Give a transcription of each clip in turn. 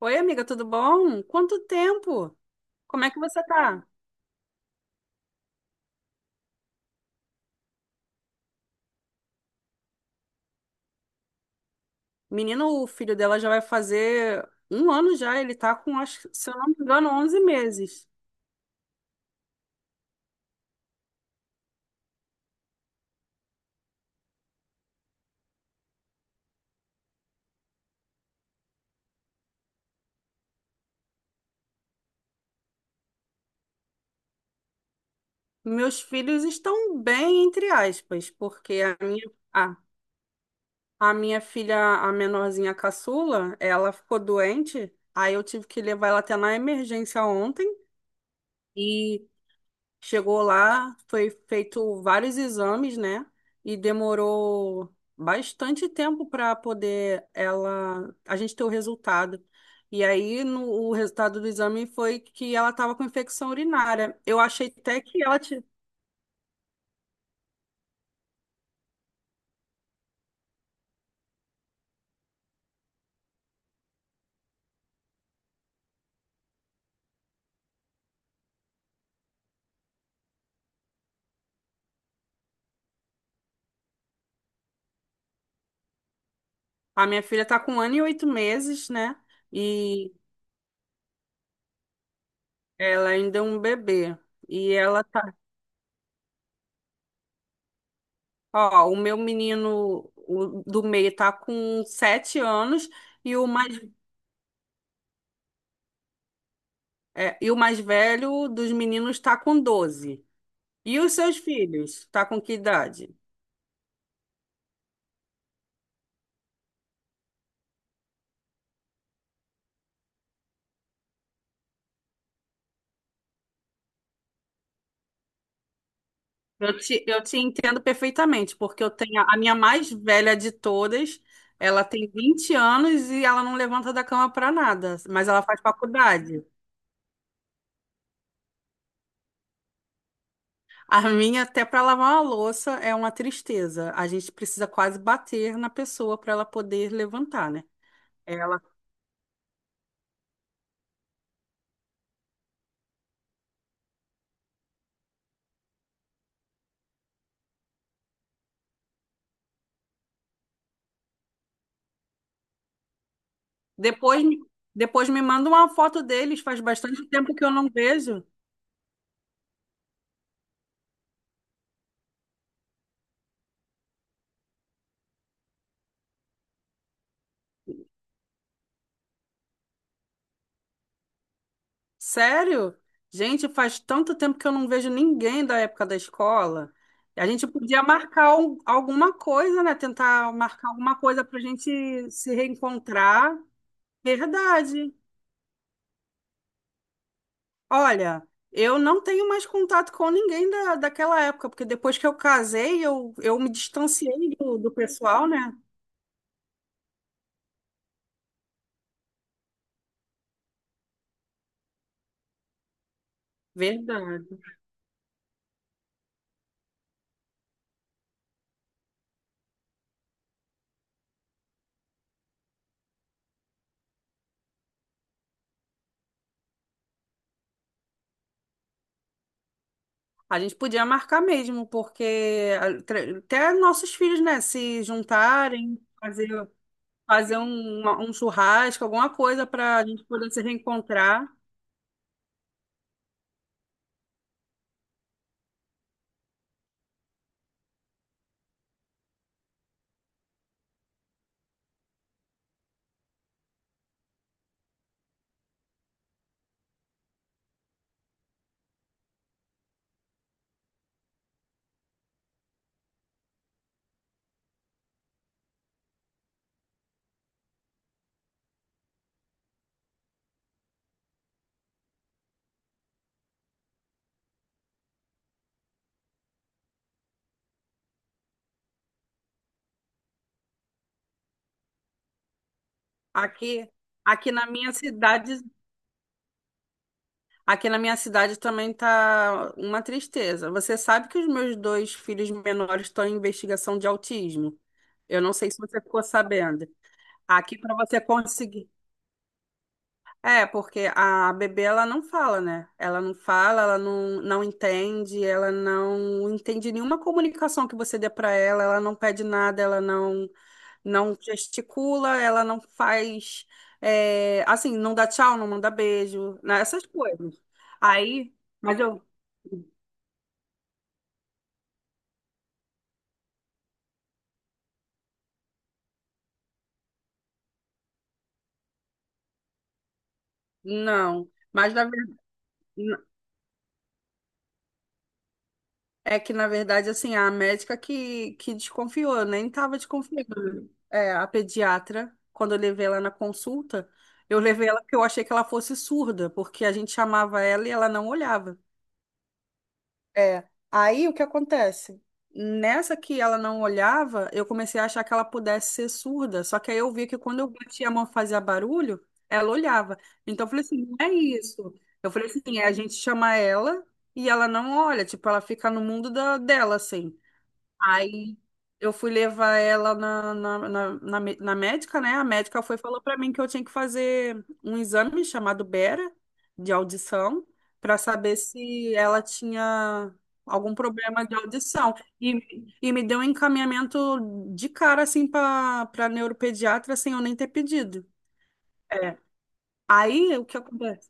Oi, amiga, tudo bom? Quanto tempo? Como é que você tá? Menino, o filho dela já vai fazer um ano já, ele tá com, acho, se eu não me engano, 11 meses. Meus filhos estão bem, entre aspas, porque a, a minha filha, a menorzinha caçula, ela ficou doente, aí eu tive que levar ela até na emergência ontem. Chegou lá, foi feito vários exames, né? E demorou bastante tempo para poder ela a gente ter o resultado. E aí no, o resultado do exame foi que ela estava com infecção urinária. Eu achei até que ela. A minha filha está com 1 ano e 8 meses, né? E ela ainda é um bebê. E ela tá, Ó, o meu menino, o do meio, tá com 7 anos. E o mais É, e o mais velho dos meninos está com 12. E os seus filhos? Tá com que idade? Eu te entendo perfeitamente, porque eu tenho a minha mais velha de todas, ela tem 20 anos e ela não levanta da cama para nada, mas ela faz faculdade. A minha, até para lavar uma louça, é uma tristeza. A gente precisa quase bater na pessoa para ela poder levantar, né? Ela depois, me- depois me manda uma foto deles, faz bastante tempo que eu não vejo. Sério? Gente, faz tanto tempo que eu não vejo ninguém da época da escola. A gente podia marcar alguma coisa, né? Tentar marcar alguma coisa para a gente se reencontrar. Verdade. Olha, eu não tenho mais contato com ninguém daquela época, porque depois que eu casei, eu me distanciei do pessoal, né? Verdade. A gente podia marcar mesmo, porque até nossos filhos, né, se juntarem, fazer. Fazer um churrasco, alguma coisa para a gente poder se reencontrar. Aqui, aqui na minha cidade, aqui na minha cidade também tá uma tristeza. Você sabe que os meus dois filhos menores estão em investigação de autismo. Eu não sei se você ficou sabendo. Aqui para você conseguir. É, porque a bebê ela não fala, né? Ela não fala, ela não entende, ela não entende nenhuma comunicação que você dê para ela, ela não pede nada, ela não gesticula, ela não faz, assim, não dá tchau, não manda beijo, né? Essas coisas. Aí, mas eu, não. Mas é que, na verdade, assim, a médica que desconfiou, nem tava desconfiando. É, a pediatra, quando eu levei ela na consulta, eu levei ela porque eu achei que ela fosse surda, porque a gente chamava ela e ela não olhava. É. Aí o que acontece? Nessa que ela não olhava, eu comecei a achar que ela pudesse ser surda. Só que aí eu vi que quando eu batia a mão e fazia barulho, ela olhava. Então eu falei assim, não é isso. Eu falei assim, é a gente chamar ela e ela não olha, tipo, ela fica no mundo dela, assim. Aí eu fui levar ela na médica, né? A médica foi e falou para mim que eu tinha que fazer um exame chamado Bera, de audição, para saber se ela tinha algum problema de audição. E, e me deu um encaminhamento de cara, assim, para neuropediatra, sem eu nem ter pedido. É. Aí, o que acontece?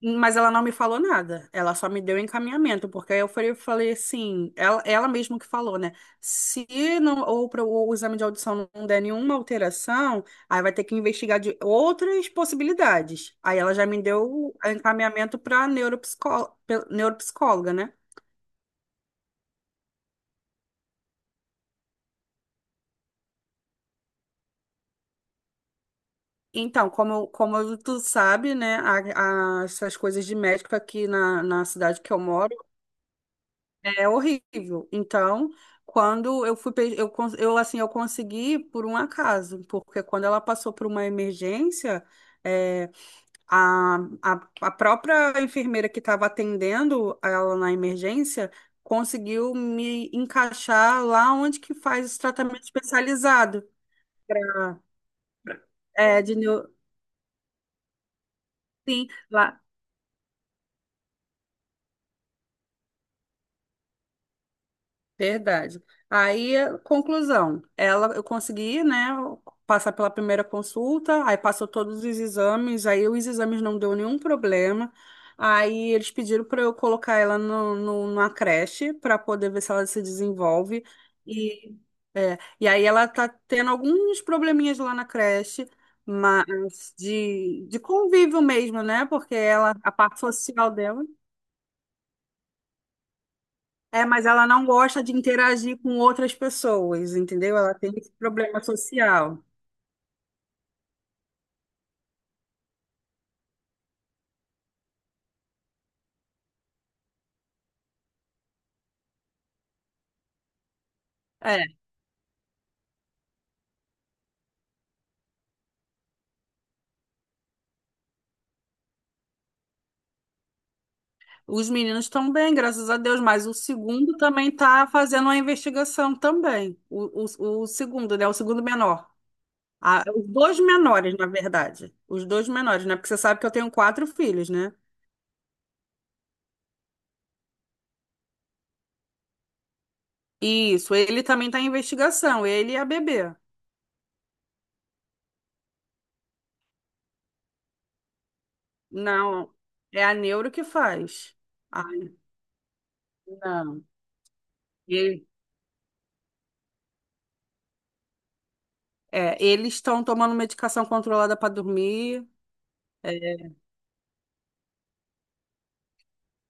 Mas ela não me falou nada, ela só me deu encaminhamento, porque aí eu falei assim, ela mesma que falou, né? Se não, o exame de audição não der nenhuma alteração, aí vai ter que investigar de outras possibilidades. Aí ela já me deu o encaminhamento para neuropsicóloga, né? Então, como tu sabe, né, essas coisas de médico aqui na cidade que eu moro. É horrível. Então, quando eu fui, eu consegui por um acaso, porque quando ela passou por uma emergência, é, a, a própria enfermeira que estava atendendo ela na emergência conseguiu me encaixar lá onde que faz os tratamentos especializados. Ah. É. Sim. Verdade. Aí, conclusão, eu consegui, né, passar pela primeira consulta, aí passou todos os exames, aí os exames não deu nenhum problema, aí eles pediram para eu colocar ela no, no, numa creche para poder ver se ela se desenvolve, e, e aí ela tá tendo alguns probleminhas lá na creche, mas de convívio mesmo, né, porque ela, a parte social dela é, mas ela não gosta de interagir com outras pessoas, entendeu? Ela tem esse problema social. É, os meninos estão bem, graças a Deus, mas o segundo também está fazendo uma investigação também. O segundo, né? O segundo menor. Ah, os dois menores, na verdade. Os dois menores, né? Porque você sabe que eu tenho quatro filhos, né? Isso, ele também está em investigação, ele e a bebê. Não, é a neuro que faz. Ai, não. É, eles estão tomando medicação controlada para dormir. É,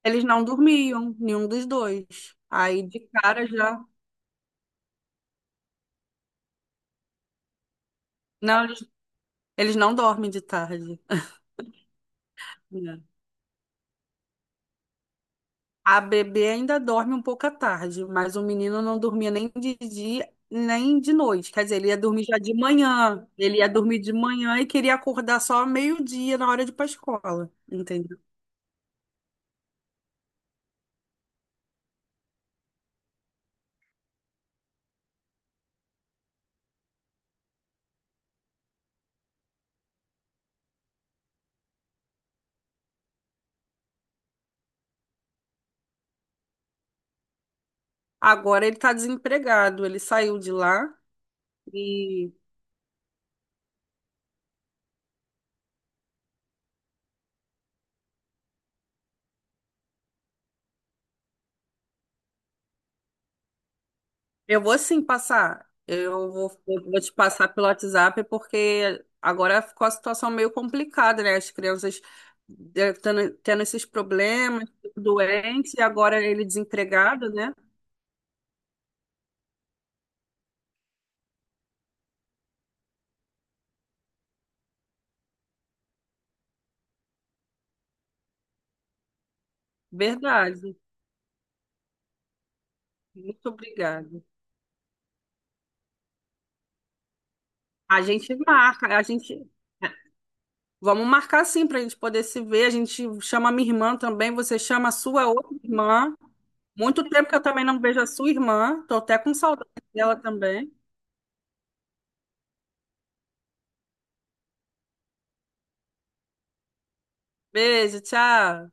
eles não dormiam, nenhum dos dois. Aí de cara já. Não, eles não dormem de tarde, né? A bebê ainda dorme um pouco à tarde, mas o menino não dormia nem de dia, nem de noite. Quer dizer, ele ia dormir já de manhã. Ele ia dormir de manhã e queria acordar só ao meio-dia na hora de ir para escola, entendeu? Agora ele está desempregado, ele saiu de lá. E. Eu vou sim passar. Eu vou te passar pelo WhatsApp porque agora ficou a situação meio complicada, né? As crianças tendo esses problemas, doentes, e agora ele desempregado, né? Verdade. Muito obrigada. A gente marca, a gente. Vamos marcar sim para a gente poder se ver. A gente chama a minha irmã também, você chama a sua outra irmã. Muito tempo que eu também não vejo a sua irmã. Tô até com saudade dela também. Beijo, tchau.